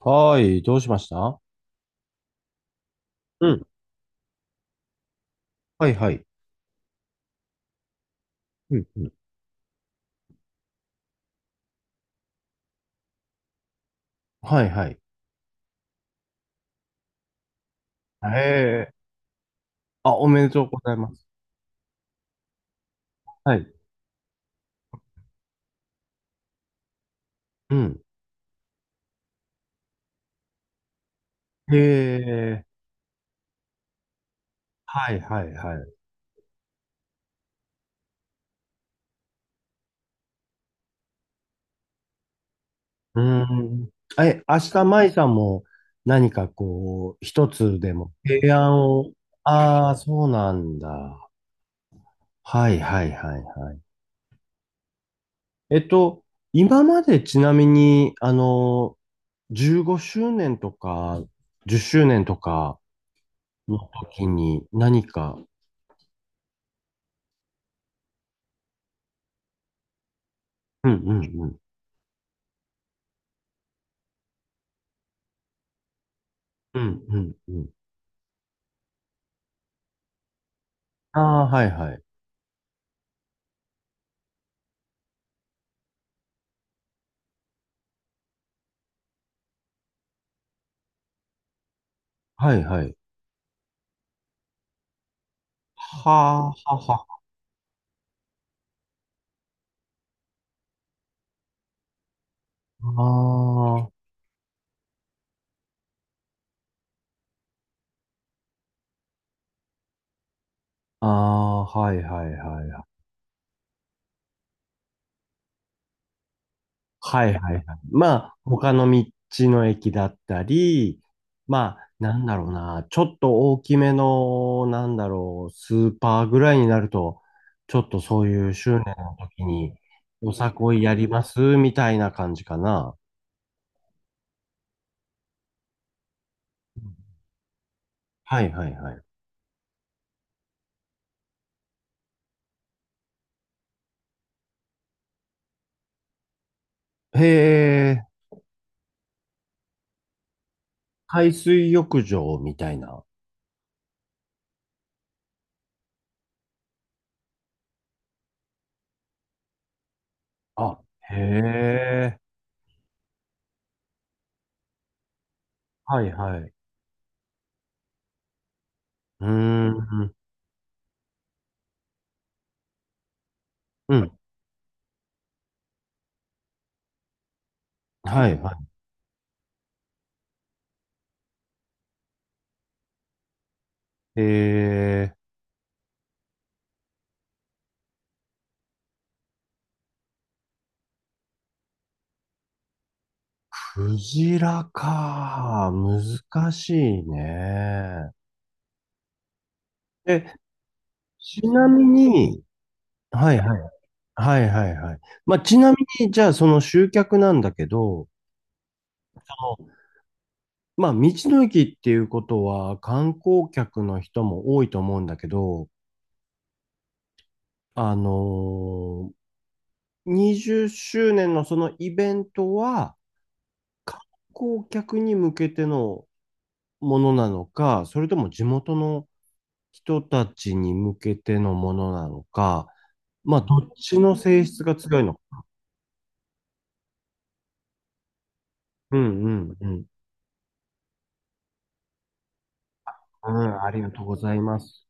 はーい、どうしました？うん。はいはい。うんうん。はいはい。へえ。あ、おめでとうございます。はい。うん。へえ。はいはいはい。うん。え、明日、舞さんも何かこう、一つでも提案を。ああ、そうなんだ。はいはいはいはい。えっと、今までちなみに、15周年とか、10周年とかの時に何か、うんうんうん、うん、うん。ああ、はいはい。はいはい。はあ、はあはあ、ああ、はいはいはい。はいはいはい。まあ、他の道の駅だったり、まあ、なんだろうな、ちょっと大きめの、なんだろう、スーパーぐらいになると、ちょっとそういう周年の時に、おさこいやりますみたいな感じかな。うん。はいはいはい。へえ、海水浴場みたいな。あ、へえ。はいはい。うーん。うん。はいはい。クジラか。難しいね。え、ちなみに、はいはい。はいはいはい。まあ、ちなみに、じゃあその集客なんだけど、そのまあ、道の駅っていうことは観光客の人も多いと思うんだけど、あのー20周年のそのイベントは、観光客に向けてのものなのか、それとも地元の人たちに向けてのものなのか、まあ、どっちの性質が強いのか。うんうんうん。うん、ありがとうございます。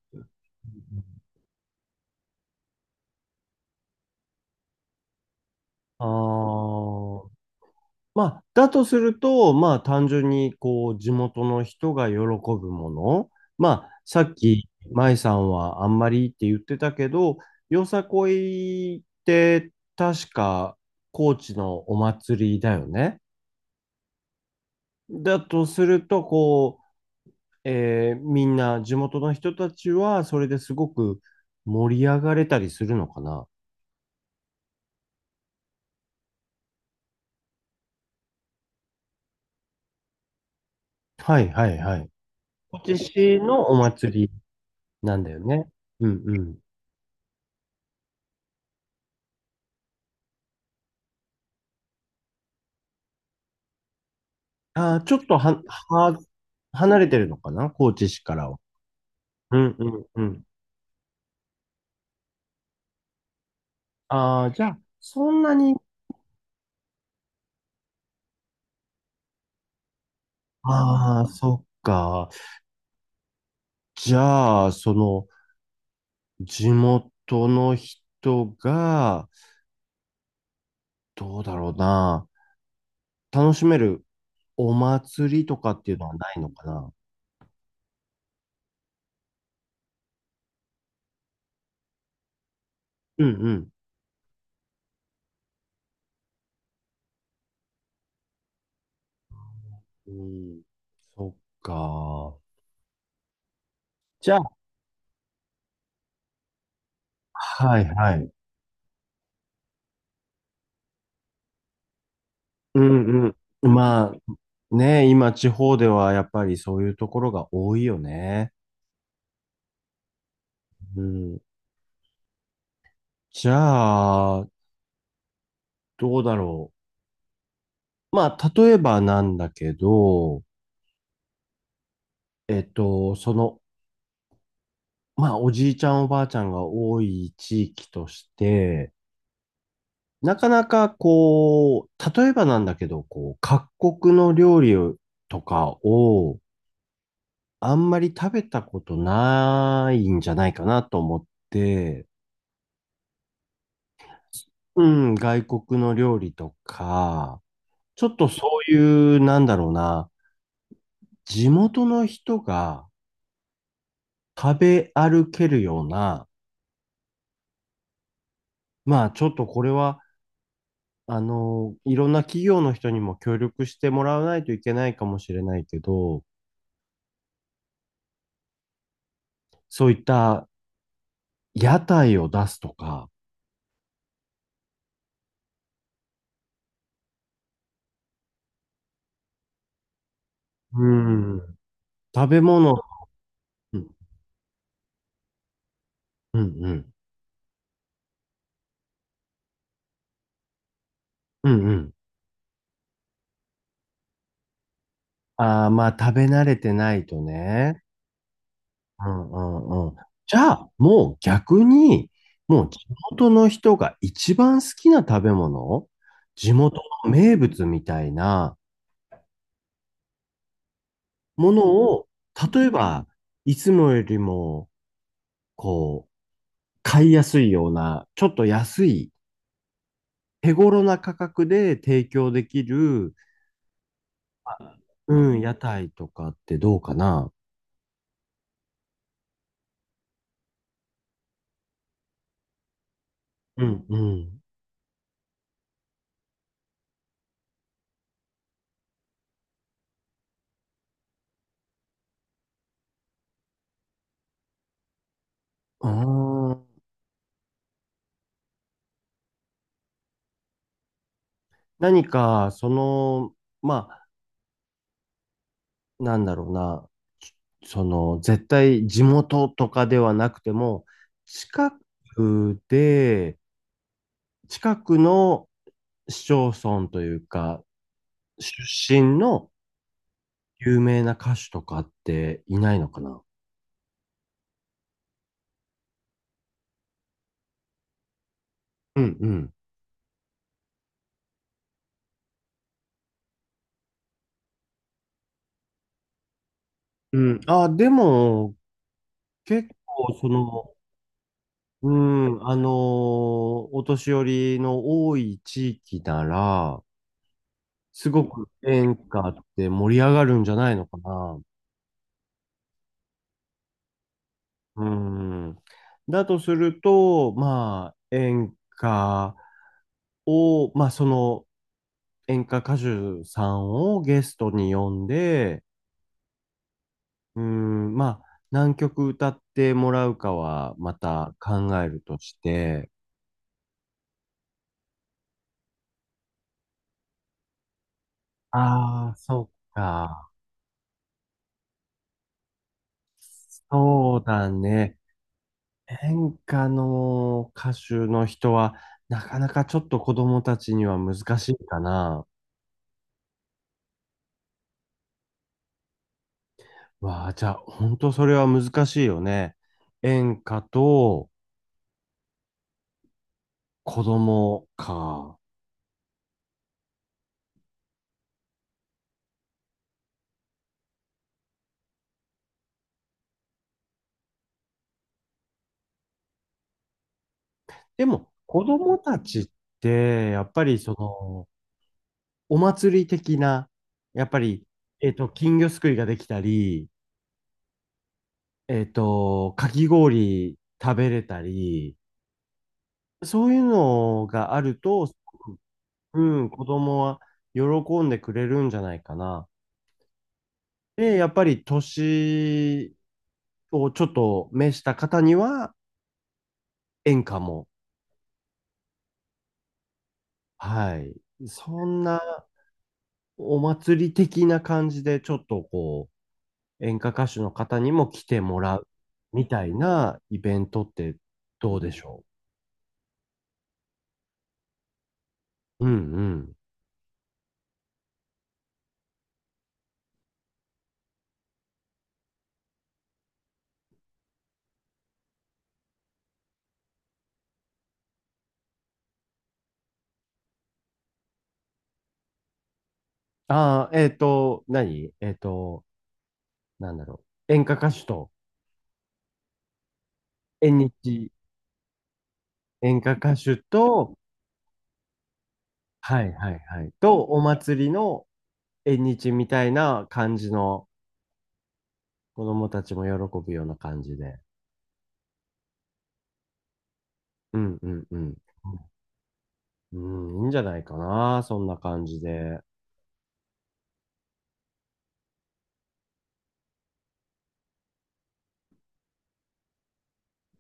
ああ、まあ、だとすると、まあ、単純に、こう、地元の人が喜ぶもの。まあ、さっき、舞さんはあんまりって言ってたけど、よさこいって、確か、高知のお祭りだよね。だとすると、こう、みんな、地元の人たちは、それですごく盛り上がれたりするのかな。はいはいはい。高知市のお祭りなんだよね。うんうん。ああ、ちょっとは、離れてるのかな高知市からは。うんうんうん。ああ、じゃあ、そんなに、ああ、そっか。じゃあ、その、地元の人が、どうだろうな。楽しめるお祭りとかっていうのはないのかな。うんうん。うん、そっか。じゃあ、はいはい。うんうん。まあ、ね、今地方ではやっぱりそういうところが多いよね。うん。じゃあ、どうだろう。まあ、例えばなんだけど、えっと、その、まあ、おじいちゃんおばあちゃんが多い地域として、なかなかこう、例えばなんだけど、こう、各国の料理とかをあんまり食べたことないんじゃないかなと思って、うん、外国の料理とか、ちょっとそういう、なんだろうな、地元の人が、食べ歩けるような、まあちょっとこれは、いろんな企業の人にも協力してもらわないといけないかもしれないけど、そういった屋台を出すとか、うん、食べ物、うん、うん、うん、うんうん。ああ、まあ食べ慣れてないとね。うんうんうん。じゃあ、もう逆に、もう地元の人が一番好きな食べ物、地元の名物みたいな、ものを、例えば、いつもよりも、こう、買いやすいような、ちょっと安い、手頃な価格で提供できる、まあうん、屋台とかってどうかな。うんうん。ああ、何か、まあ、なんだろうな、絶対地元とかではなくても、近くで、近くの市町村というか、出身の有名な歌手とかっていないのかな。うんうん。うん。あ、でも、結構、うん、お年寄りの多い地域なら、すごく演歌って盛り上がるんじゃないのかな。うん。だとすると、まあ、演歌を、まあ、その演歌歌手さんをゲストに呼んで、うーん、まあ、何曲歌ってもらうかはまた考えるとして、ああ、そっか。そうだね。演歌の歌手の人は、なかなかちょっと子供たちには難しいかな。わあ、じゃあ、本当それは難しいよね。演歌と子供か。でも、子供たちって、やっぱりお祭り的な、やっぱり、金魚すくいができたり、かき氷食べれたり、そういうのがあると、すごくうん、子供は喜んでくれるんじゃないかな。で、やっぱり年をちょっと召した方には演歌も、はい。そんなお祭り的な感じで、ちょっとこう、演歌歌手の方にも来てもらうみたいなイベントってどうでしょう？うんうん。ああ、何なんだろう。演歌歌手と、縁日、演歌歌手と、はいはいはい。と、お祭りの縁日みたいな感じの、子供たちも喜ぶような感じで。うんうんうん。うん、いいんじゃないかな、そんな感じで。